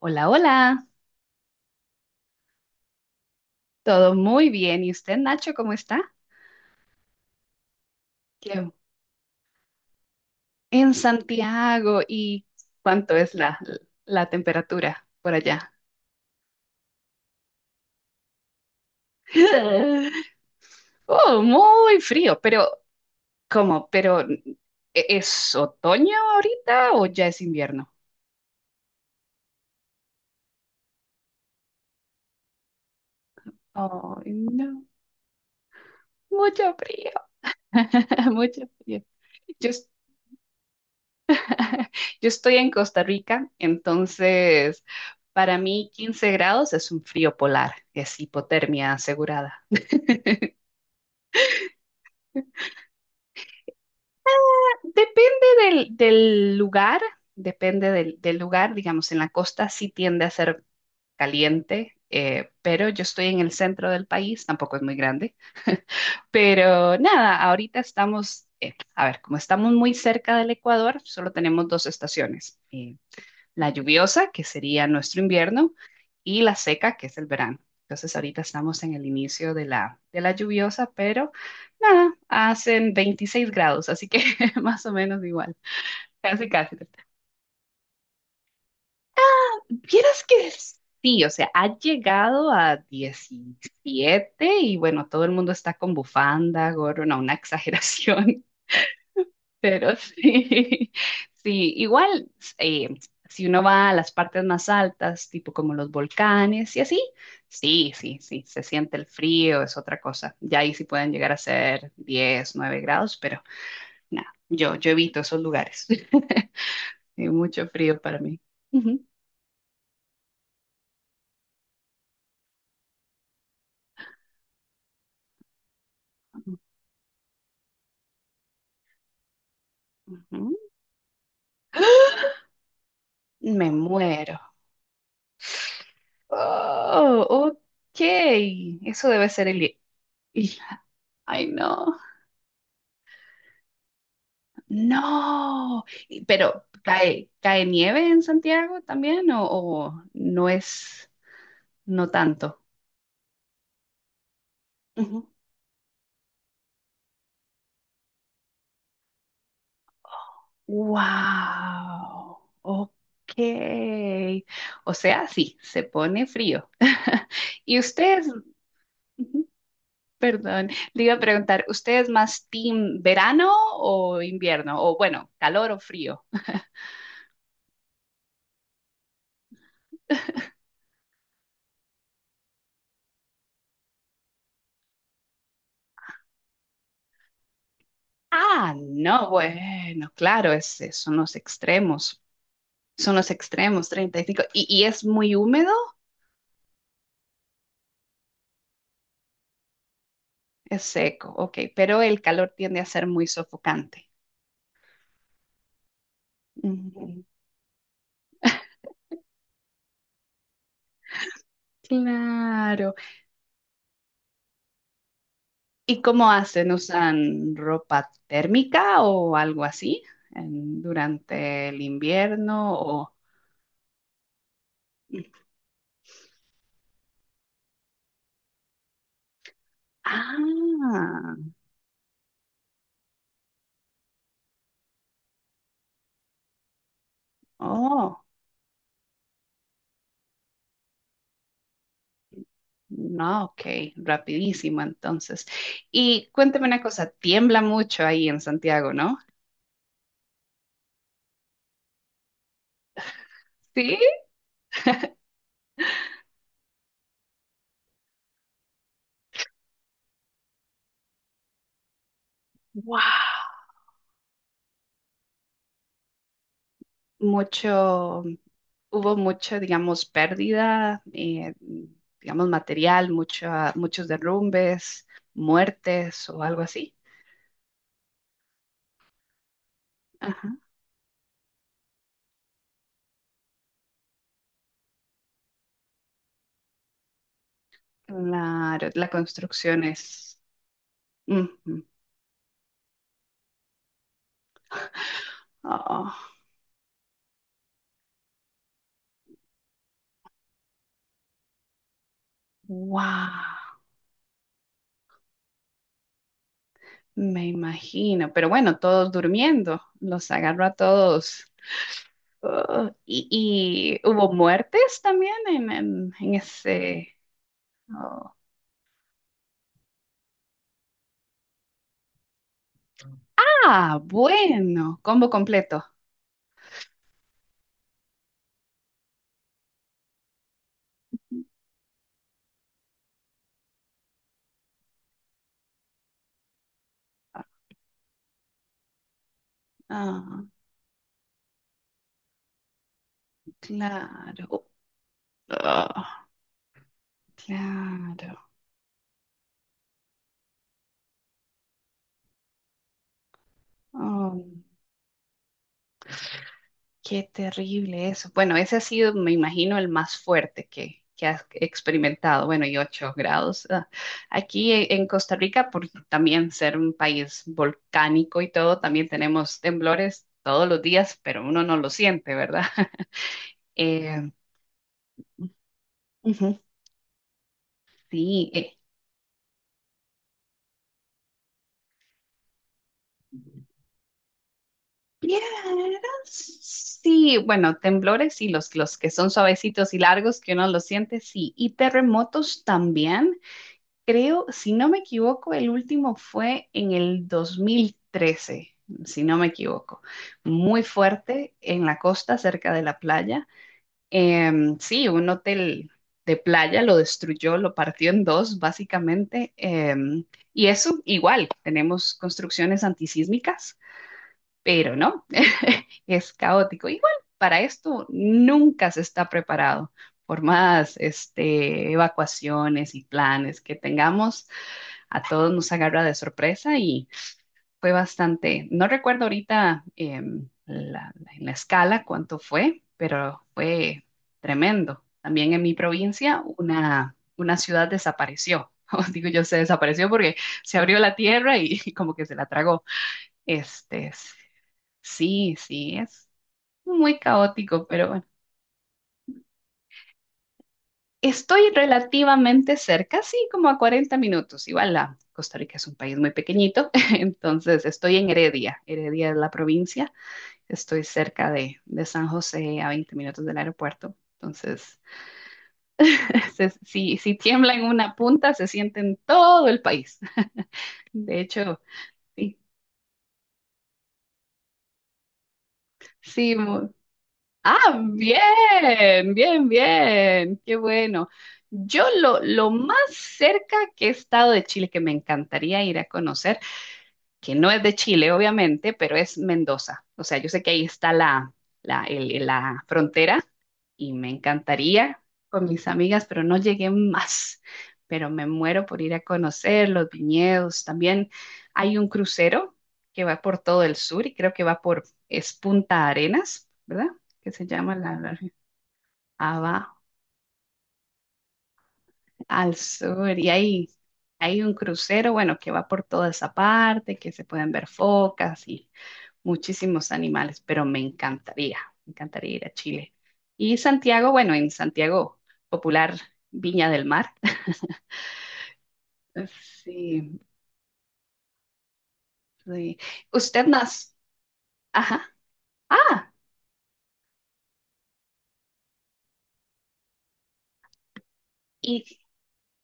Hola, hola, todo muy bien. ¿Y usted, Nacho, cómo está? ¿Qué- En Santiago, ¿y cuánto es la temperatura por allá? Oh, muy frío, pero ¿cómo? ¿Pero es otoño ahorita o ya es invierno? Oh, no, mucho frío, mucho frío. Yo, es- yo estoy en Costa Rica, entonces para mí 15 grados es un frío polar, es hipotermia asegurada. Depende del lugar, depende del lugar, digamos, en la costa sí tiende a ser caliente, pero yo estoy en el centro del país, tampoco es muy grande, pero nada, ahorita estamos, a ver, como estamos muy cerca del Ecuador, solo tenemos dos estaciones, la lluviosa, que sería nuestro invierno, y la seca, que es el verano. Entonces ahorita estamos en el inicio de la lluviosa, pero nada, hacen 26 grados, así que más o menos igual. Casi, casi. Vieras que sí, o sea, ha llegado a 17 y bueno, todo el mundo está con bufanda, gorro, no, una exageración, pero sí, sí, igual, eh, si uno va a las partes más altas, tipo como los volcanes y así, sí, sí, sí, se siente el frío, es otra cosa. Ya ahí sí pueden llegar a ser 10 9 grados, pero nada, yo evito esos lugares. Hay mucho frío para mí. Ujú. Ujú. Me muero. Oh, ok. Eso debe ser el... i- Ay, no. No. Pero, ¿cae nieve en Santiago también o no es, no tanto? Ujú. Wow. Ok. O sea, sí, se pone frío. ¿Y ustedes? Ujú. Perdón, le iba a preguntar, ¿usted es más team verano o invierno? O bueno, calor o frío. Ah, no, bueno, claro, son los extremos. Son los extremos, 35. ¿Y, cinco. Y es muy húmedo? Es seco, ok, pero el calor tiende a ser muy sofocante. Ujú, claro. ¿Y cómo hacen? ¿Usan ropa térmica o algo así durante el invierno? O... Ah, oh. No, ok, rapidísimo entonces. Y cuéntame una cosa, tiembla mucho ahí en Santiago, ¿no? Sí. Wow. Mucho, hubo mucha, digamos, pérdida, digamos, material, muchos derrumbes, muertes o algo así. Ajá. Claro, la construcción es... ujú. Oh, wow. Me imagino, pero bueno, todos durmiendo, los agarró a todos. Oh, y hubo muertes también en, en ese... Oh. Ah, bueno, combo completo. Ah, claro. Ah, claro. Oh, qué terrible eso. Bueno, ese ha sido, me imagino, el más fuerte que has experimentado. Bueno, y 8 grados. Ah. Aquí en Costa Rica, por también ser un país volcánico y todo, también tenemos temblores todos los días, pero uno no lo siente, ¿verdad? Eh, ujú, sí. Vieras, sí, bueno, temblores y los que son suavecitos y largos que uno los siente, sí. Y terremotos también. Creo, si no me equivoco, el último fue en el 2013, si no me equivoco. Muy fuerte en la costa, cerca de la playa. Sí, un hotel de playa lo destruyó, lo partió en dos, básicamente. Y eso, igual, tenemos construcciones antisísmicas, pero no, es caótico. Igual, para esto nunca se está preparado. Por más este, evacuaciones y planes que tengamos a todos nos agarra de sorpresa y fue bastante, no recuerdo ahorita en la escala cuánto fue, pero fue tremendo. También en mi provincia una ciudad desapareció. O digo yo, se desapareció porque se abrió la tierra y, como que se la tragó. Este, sí, sí, es muy caótico, pero bueno. Estoy relativamente cerca, sí, como a 40 minutos. Igual la Costa Rica es un país muy pequeñito, entonces estoy en Heredia. Heredia es la provincia. Estoy cerca de San José, a 20 minutos del aeropuerto. Entonces, si tiembla en una punta, se siente en todo el país. De hecho, sí, sí. Ah, bien, bien, bien. Qué bueno. Yo lo más cerca que he estado de Chile, que me encantaría ir a conocer, que no es de Chile, obviamente, pero es Mendoza. O sea, yo sé que ahí está la frontera y me encantaría con mis amigas, pero no llegué más. Pero me muero por ir a conocer los viñedos. También hay un crucero que va por todo el sur y creo que va por, es Punta Arenas, ¿verdad? Que se llama... Ah, va al sur y ahí hay un crucero, bueno, que va por toda esa parte, que se pueden ver focas y muchísimos animales, pero me encantaría ir a Chile. Y Santiago, bueno, en Santiago, popular Viña del Mar. Sí, sí. Usted nas... Ajá, ah, y,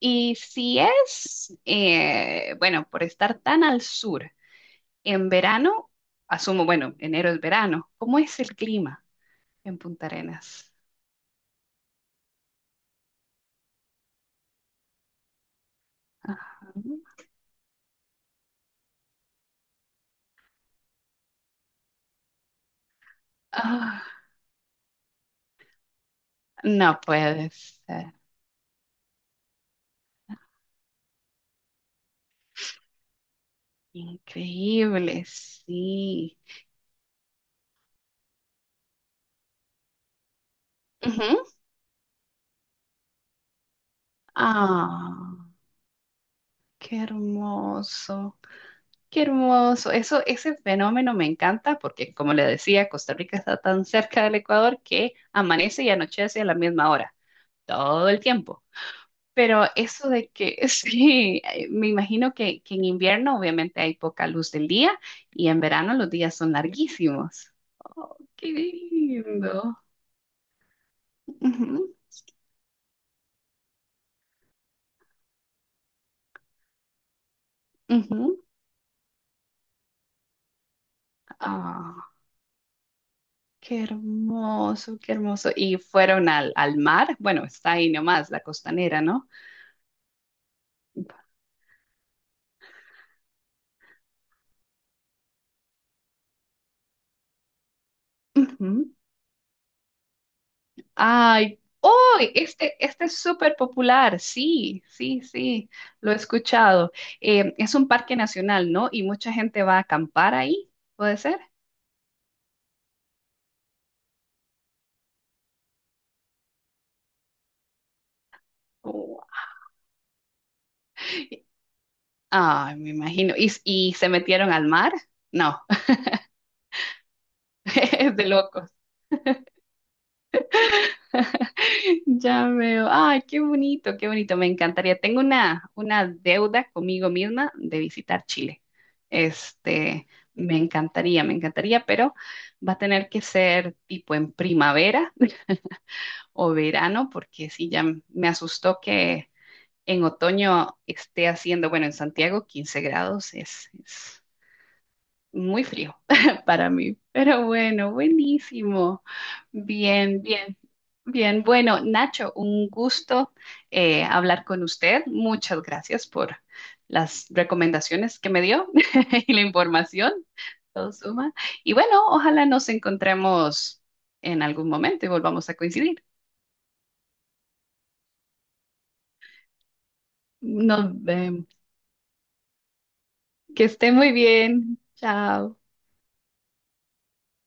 y si es, bueno, por estar tan al sur, en verano, asumo, bueno, enero es verano, ¿cómo es el clima en Punta Arenas? Ajá. Ah, no puede ser. Increíble, sí. Ujú. Ah, qué hermoso, qué hermoso. Eso, ese fenómeno me encanta porque, como le decía, Costa Rica está tan cerca del Ecuador que amanece y anochece a la misma hora, todo el tiempo. Pero eso de que, sí, me imagino que, en invierno obviamente hay poca luz del día y en verano los días son larguísimos. Oh, qué lindo. Ujú, ujú. Ah. Qué hermoso, qué hermoso. Y fueron al mar. Bueno, está ahí nomás, la costanera, ¿no? Ujú. Ay, oh, este es súper popular. Sí, sí, sí, lo he escuchado. Es un parque nacional, ¿no? Y mucha gente va a acampar ahí, ¿puede ser? Oh, ay, me imagino. ¿Y se metieron al mar? No, es de loco. Ya veo. Ay, qué bonito, qué bonito. Me encantaría. Tengo una deuda conmigo misma de visitar Chile. Este, me encantaría, pero va a tener que ser tipo en primavera o verano, porque sí, ya me asustó que en otoño esté haciendo, bueno, en Santiago 15 grados es muy frío para mí, pero bueno, buenísimo. Bien, bien, bien. Bueno, Nacho, un gusto hablar con usted. Muchas gracias por las recomendaciones que me dio y la información. Todo suma. Y bueno, ojalá nos encontremos en algún momento y volvamos a coincidir. Nos vemos. Que esté muy bien. Chao.